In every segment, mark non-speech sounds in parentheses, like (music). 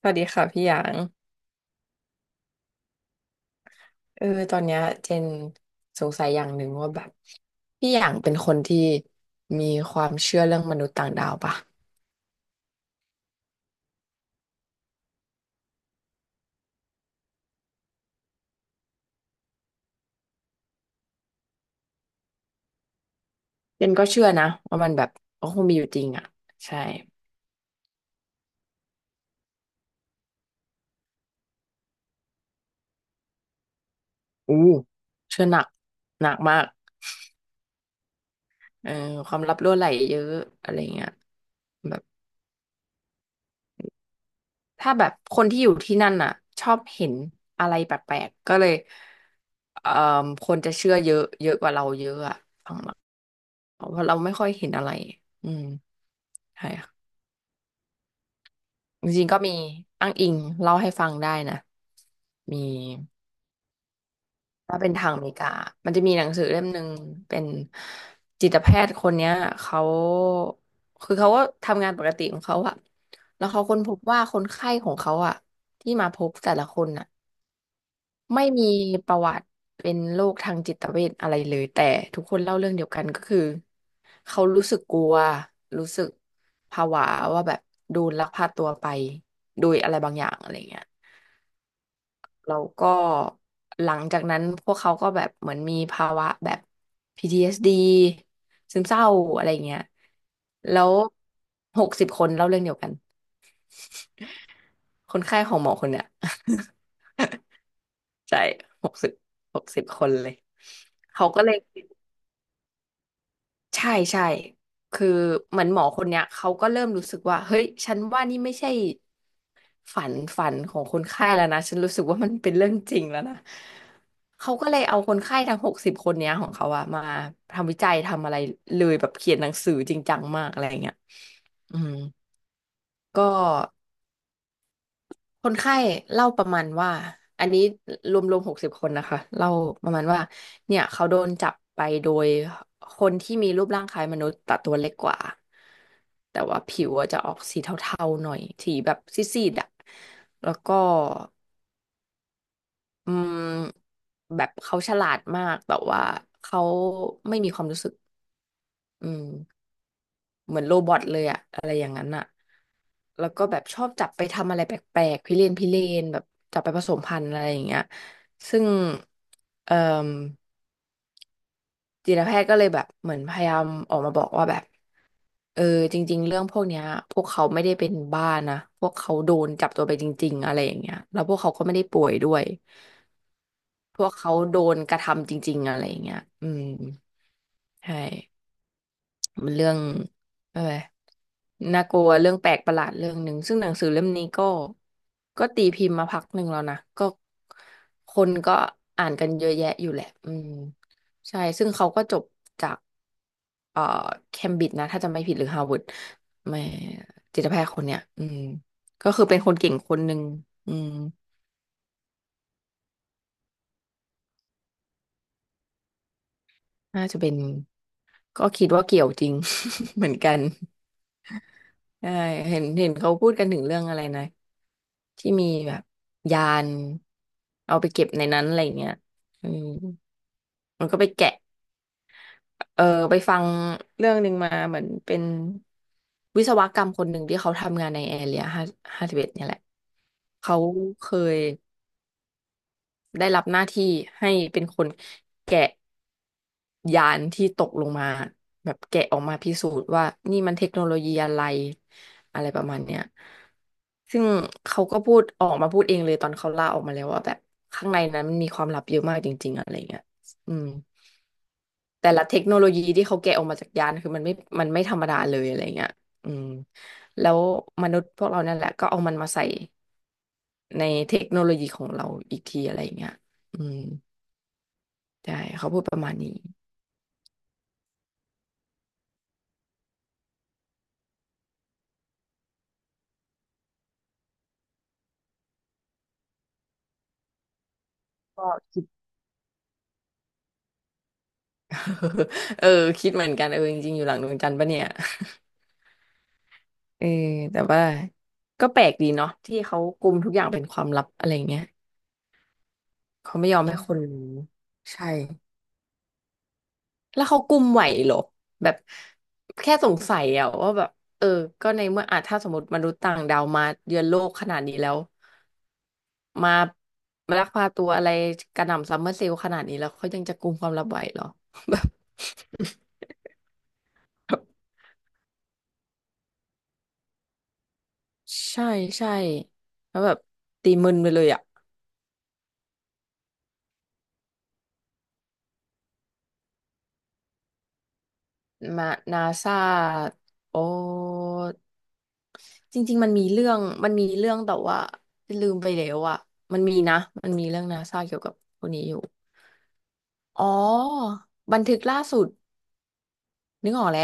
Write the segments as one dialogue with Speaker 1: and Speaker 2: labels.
Speaker 1: สวัสดีค่ะพี่หยางเออตอนเนี้ยเจนสงสัยอย่างหนึ่งว่าแบบพี่หยางเป็นคนที่มีความเชื่อเรื่องมนุษย์ต่างดาวปะเจนก็เชื่อนะว่ามันแบบก็คงมีอยู่จริงอ่ะใช่อู้เชื่อหนักหนักมากเออความลับรั่วไหลเยอะอะไรเงี้ยแบบ ถ้าแบบคนที่อยู่ที่นั่นน่ะชอบเห็นอะไรแปลกๆก็เลยเอ่อคนจะเชื่อเยอะเยอะกว่าเราเยอะอะฝั่งเราเพราะเราไม่ค่อยเห็นอะไรอืมใช่ค่ะจริงๆก็มีอ้างอิงเล่าให้ฟังได้นะมีถ้าเป็นทางอเมริกามันจะมีหนังสือเล่มหนึ่งเป็นจิตแพทย์คนเนี้ยเขาคือเขาก็ทำงานปกติของเขาอะแล้วเขาค้นพบว่าคนไข้ของเขาอะที่มาพบแต่ละคนอะ ไม่มีประวัติเป็นโรคทางจิตเวชอะไรเลยแต่ทุกคนเล่าเรื่องเดียวกันก็คือเขารู้สึกกลัวรู้สึกผวาว่าแบบโดนลักพาตัวไปโดยอะไรบางอย่างอะไรเงี้ยแล้วก็หลังจากนั้นพวกเขาก็แบบเหมือนมีภาวะแบบ PTSD ซึมเศร้าอะไรเงี้ยแล้วหกสิบคนเล่าเรื่องเดียวกันคนไข้ของหมอคนเนี้ย (laughs) ใช่หกสิบหกสิบคนเลยเขาก็เลย ใช่ใช่คือเหมือนหมอคนเนี้ยเขาก็เริ่มรู้สึกว่าเฮ้ยฉันว่านี่ไม่ใช่ฝันของคนไข้แล้วนะฉันรู้สึกว่ามันเป็นเรื่องจริงแล้วนะเขาก็เลยเอาคนไข้ทั้งหกสิบคนเนี้ยของเขาอะมาทำวิจัยทำอะไรเลยแบบเขียนหนังสือจริงจังมากอะไรเงี้ยอืมก็ คนไข้เล่าประมาณว่าอันนี้รวมหกสิบคนนะคะเล่าประมาณว่าเนี่ยเขาโดนจับไปโดยคนที่มีรูปร่างคล้ายมนุษย์แต่ตัวเล็กกว่าแต่ว่าผิวอะจะออกสีเทาๆหน่อยสีแบบซีดๆอ่ะแล้วก็อืมแบบเขาฉลาดมากแต่ว่าเขาไม่มีความรู้สึกอืม เหมือนโรบอทเลยอะอะไรอย่างนั้นอะแล้วก็แบบชอบจับไปทำอะไรแปลกๆพิเรนพิเรนแบบจับไปผสมพันธุ์อะไรอย่างเงี้ยซึ่งเอ่มจิตแพทย์ก็เลยแบบเหมือนพยายามออกมาบอกว่าแบบเออจริงๆเรื่องพวกเนี้ยพวกเขาไม่ได้เป็นบ้านะพวกเขาโดนจับตัวไปจริงๆอะไรอย่างเงี้ยแล้วพวกเขาก็ไม่ได้ป่วยด้วยพวกเขาโดนกระทำจริงๆอะไรอย่างเงี้ยอืมใช่ มันเรื่องอะไรน่ากลัวเรื่องแปลกประหลาดเรื่องหนึ่งซึ่งหนังสือเล่มนี้ก็ก็ตีพิมพ์มาพักหนึ่งแล้วนะก็คนก็อ่านกันเยอะแยะอยู่แหละอืมใช่ซึ่งเขาก็จบจากเอ่อเคมบริดจ์นะถ้าจำไม่ผิดหรือฮาร์วาร์ดไม่จิตแพทย์คนเนี้ยก็คือเป็นคนเก่งคนหนึ่งอืมน่าจะเป็นก็คิดว่าเกี่ยวจริง (laughs) เหมือนกันใช่เห็นเขาพูดกันถึงเรื่องอะไรนะ ที่มีแบบยานเอาไปเก็บในนั้นอะไรเงี้ยอืมมันก็ไปแกะ เออ ไปฟังเรื่องหนึ่งมาเหมือนเป็นวิศวกรรมคนหนึ่งที่เขาทำงานในแอเรียห้าสิบเอ็ดเนี่ยแหละ เขาเคย ได้รับหน้าที่ให้เป็นคนแกะยานที่ตกลงมาแบบแกะออกมาพิสูจน์ว่านี่มันเทคโนโลยีอะไรอะไรประมาณเนี้ยซึ่งเขาก็พูดออกมาพูดเองเลยตอนเขาล่าออกมาแล้วว่าแบบข้างในนั้นมันมีความลับเยอะมากจริงๆอะไรเงี้ยอืมแต่ละเทคโนโลยีที่เขาแกะออกมาจากยานคือมันไม่ธรรมดาเลยอะไรเงี้ยอืมแล้วมนุษย์พวกเรานั่นแหละก็เอามันมาใส่ในเทคโนโลยีของเราอีกทีอะไรเงี้ยอืม ใช่เขาพูดประมาณนี้ (laughs) เออคิดเหมือนกันจริงๆอยู่หลังดวงจันทร์ปะเนี่ย (laughs) เออแต่ว่าก็แปลกดีเนาะที่เขากุมทุกอย่างเป็นความลับอะไรเงี้ยเขาไม่ยอมให้คนรู้ใช่แล้วเขากุมไหวเหรอแบบแค่สงสัยอะว่าแบบเออก็ในเมื่ออาจถ้าสมมติมนุษย์ต่างดาวมาเยือนโลกขนาดนี้แล้วมามาลักพาตัวอะไรกระหน่ำซัมเมอร์เซลล์ขนาดนี้แล้วเขายังจะกุมความลับไหวเหรอ (laughs) แบบ ใช่ใช่แล้วแบบตีมึนไปเลยอ่ะมานาซาโอจริงๆมันมีเรื่องแต่ว่าลืมไปแล้วอ่ะมันมีนะมันมีเรื่องนาซาเกี่ยวกับคนนี้อยู่อ๋อบันทึกล่าสุดนึกออกแล้ว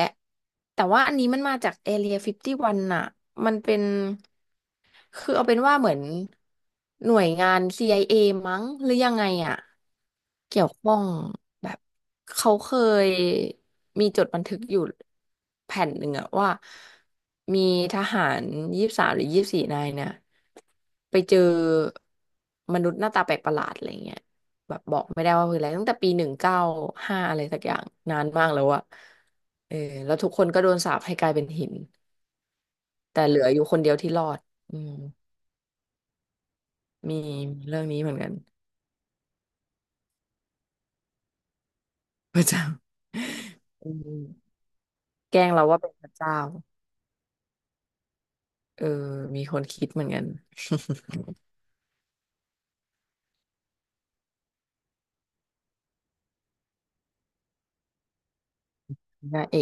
Speaker 1: แต่ว่าอันนี้มันมาจาก Area 51น่ะมันเป็น คือเอาเป็นว่าเหมือนหน่วยงาน CIA มั้งหรือยังไงอ่ะเกี่ยวข้องแบบเขาเคยมีจดบันทึกอยู่แผ่นหนึ่งอะว่ามีทหาร23หรือ24นายเนี่ยไปเจอมนุษย์หน้าตาแปลกประหลาดอะไรเงี้ยแบบบอกไม่ได้ว่าคืออะไรตั้งแต่ปี195อะไรสักอย่างนานมากแล้วอะเออแล้วทุกคนก็โดนสาปให้กลายเป็นหินแต่เหลืออยู่คนเดียวที่รอดอืม มีเรื่องนี้เหมือนกัน (laughs) พระเจ้าอืม (laughs) แกล้งเราว่าเป็นพระเจ้าเออมีคนคิดเหมือนกัน (laughs) น้าเอ๋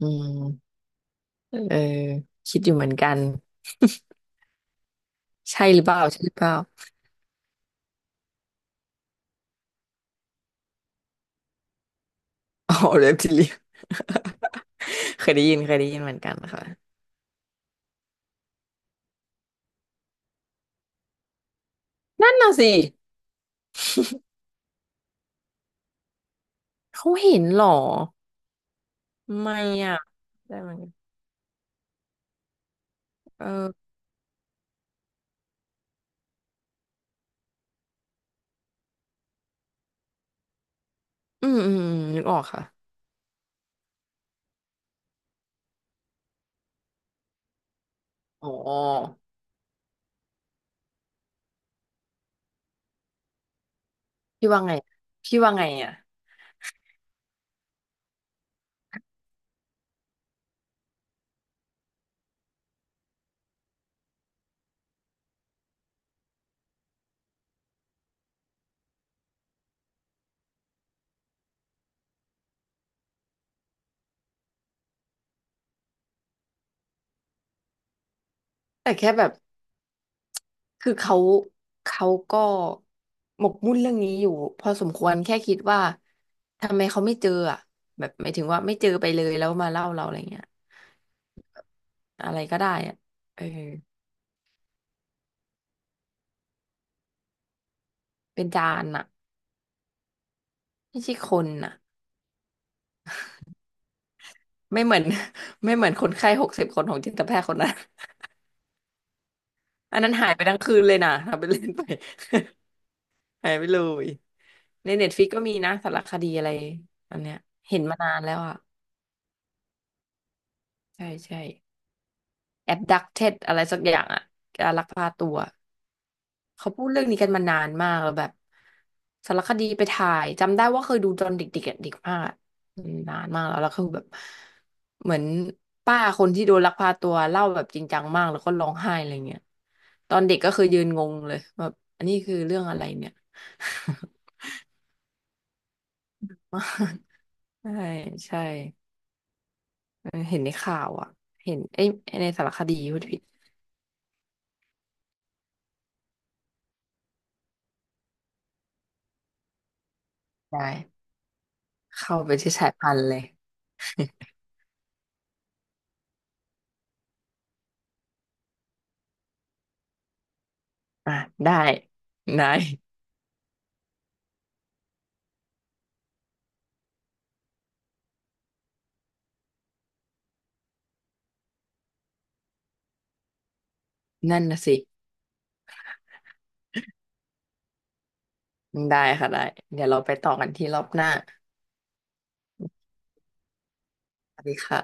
Speaker 1: อืมเออคิดอยู่เหมือนกันใช่หรือเปล่าใช่หรือเปล่าอ๋อเล็บท (laughs) เรีย (laughs) เคยได้ยินเคยได้ยินเหมือนกันค่ะนั่นน่ะสิเขาเห็นเหรอไม่อ่ะได้ไหมกเอออืมอืมอืมนึกออกค่ะอ๋อพี่ว่าไงพี่ว่าไงอ่ะแต่แค่แบบ คือเขาก็หมกมุ่นเรื่องนี้อยู่พอสมควรแค่คิดว่าทำไมเขาไม่เจออ่ะแบบหมายถึงว่าไม่เจอไปเลยแล้วมาเล่าเราอะไรเงี้ยอะไรก็ได้อ่ะเออเป็นจานอ่ะไม่ใช่คนอ่ะไม่เหมือน (laughs) ไม่เหมือนคนไข้60คนของจิตแพทย์คนนั้นอันนั้นหายไปทั้งคืนเลยนะทำเป็นเล่นไปหายไปเลยในเน็ตฟ i ิกก็มีนะสารคดีอะไรอันเนี้ยเห็นมานานแล้วอ่ะใช่ใช่ abducted อะไรสักอย่างอะการลักพาตัวเขาพูดเรื่องนี้กันมานานมากแล้วแบบสารคดีไปถ่ายจำได้ว่าเคยดูตอนเด็กๆอะเด็กมากอะอืมนานมากแล้วแล้วคือแบบเหมือนป้าคนที่โดนลักพาตัวเล่าแบบจริงจังมากแล้วก็ร้องไห้อะไรเงี้ยตอนเด็กก็คือยืนงงเลยแบบอันนี้คือเรื่องอะไรเนี่ย (laughs) มากใช่ใช่เออเห็นในข่าวอ่ะเห็นเอ้ยในสารคดีพูดผิดได้เข้าไปที่สายพันธุ์เลย อ่ะได้ได้นั่นนะสิได้ค่ะได้เดี๋ยวเราไปต่อกันที่รอบหน้าสวัสดีค่ะ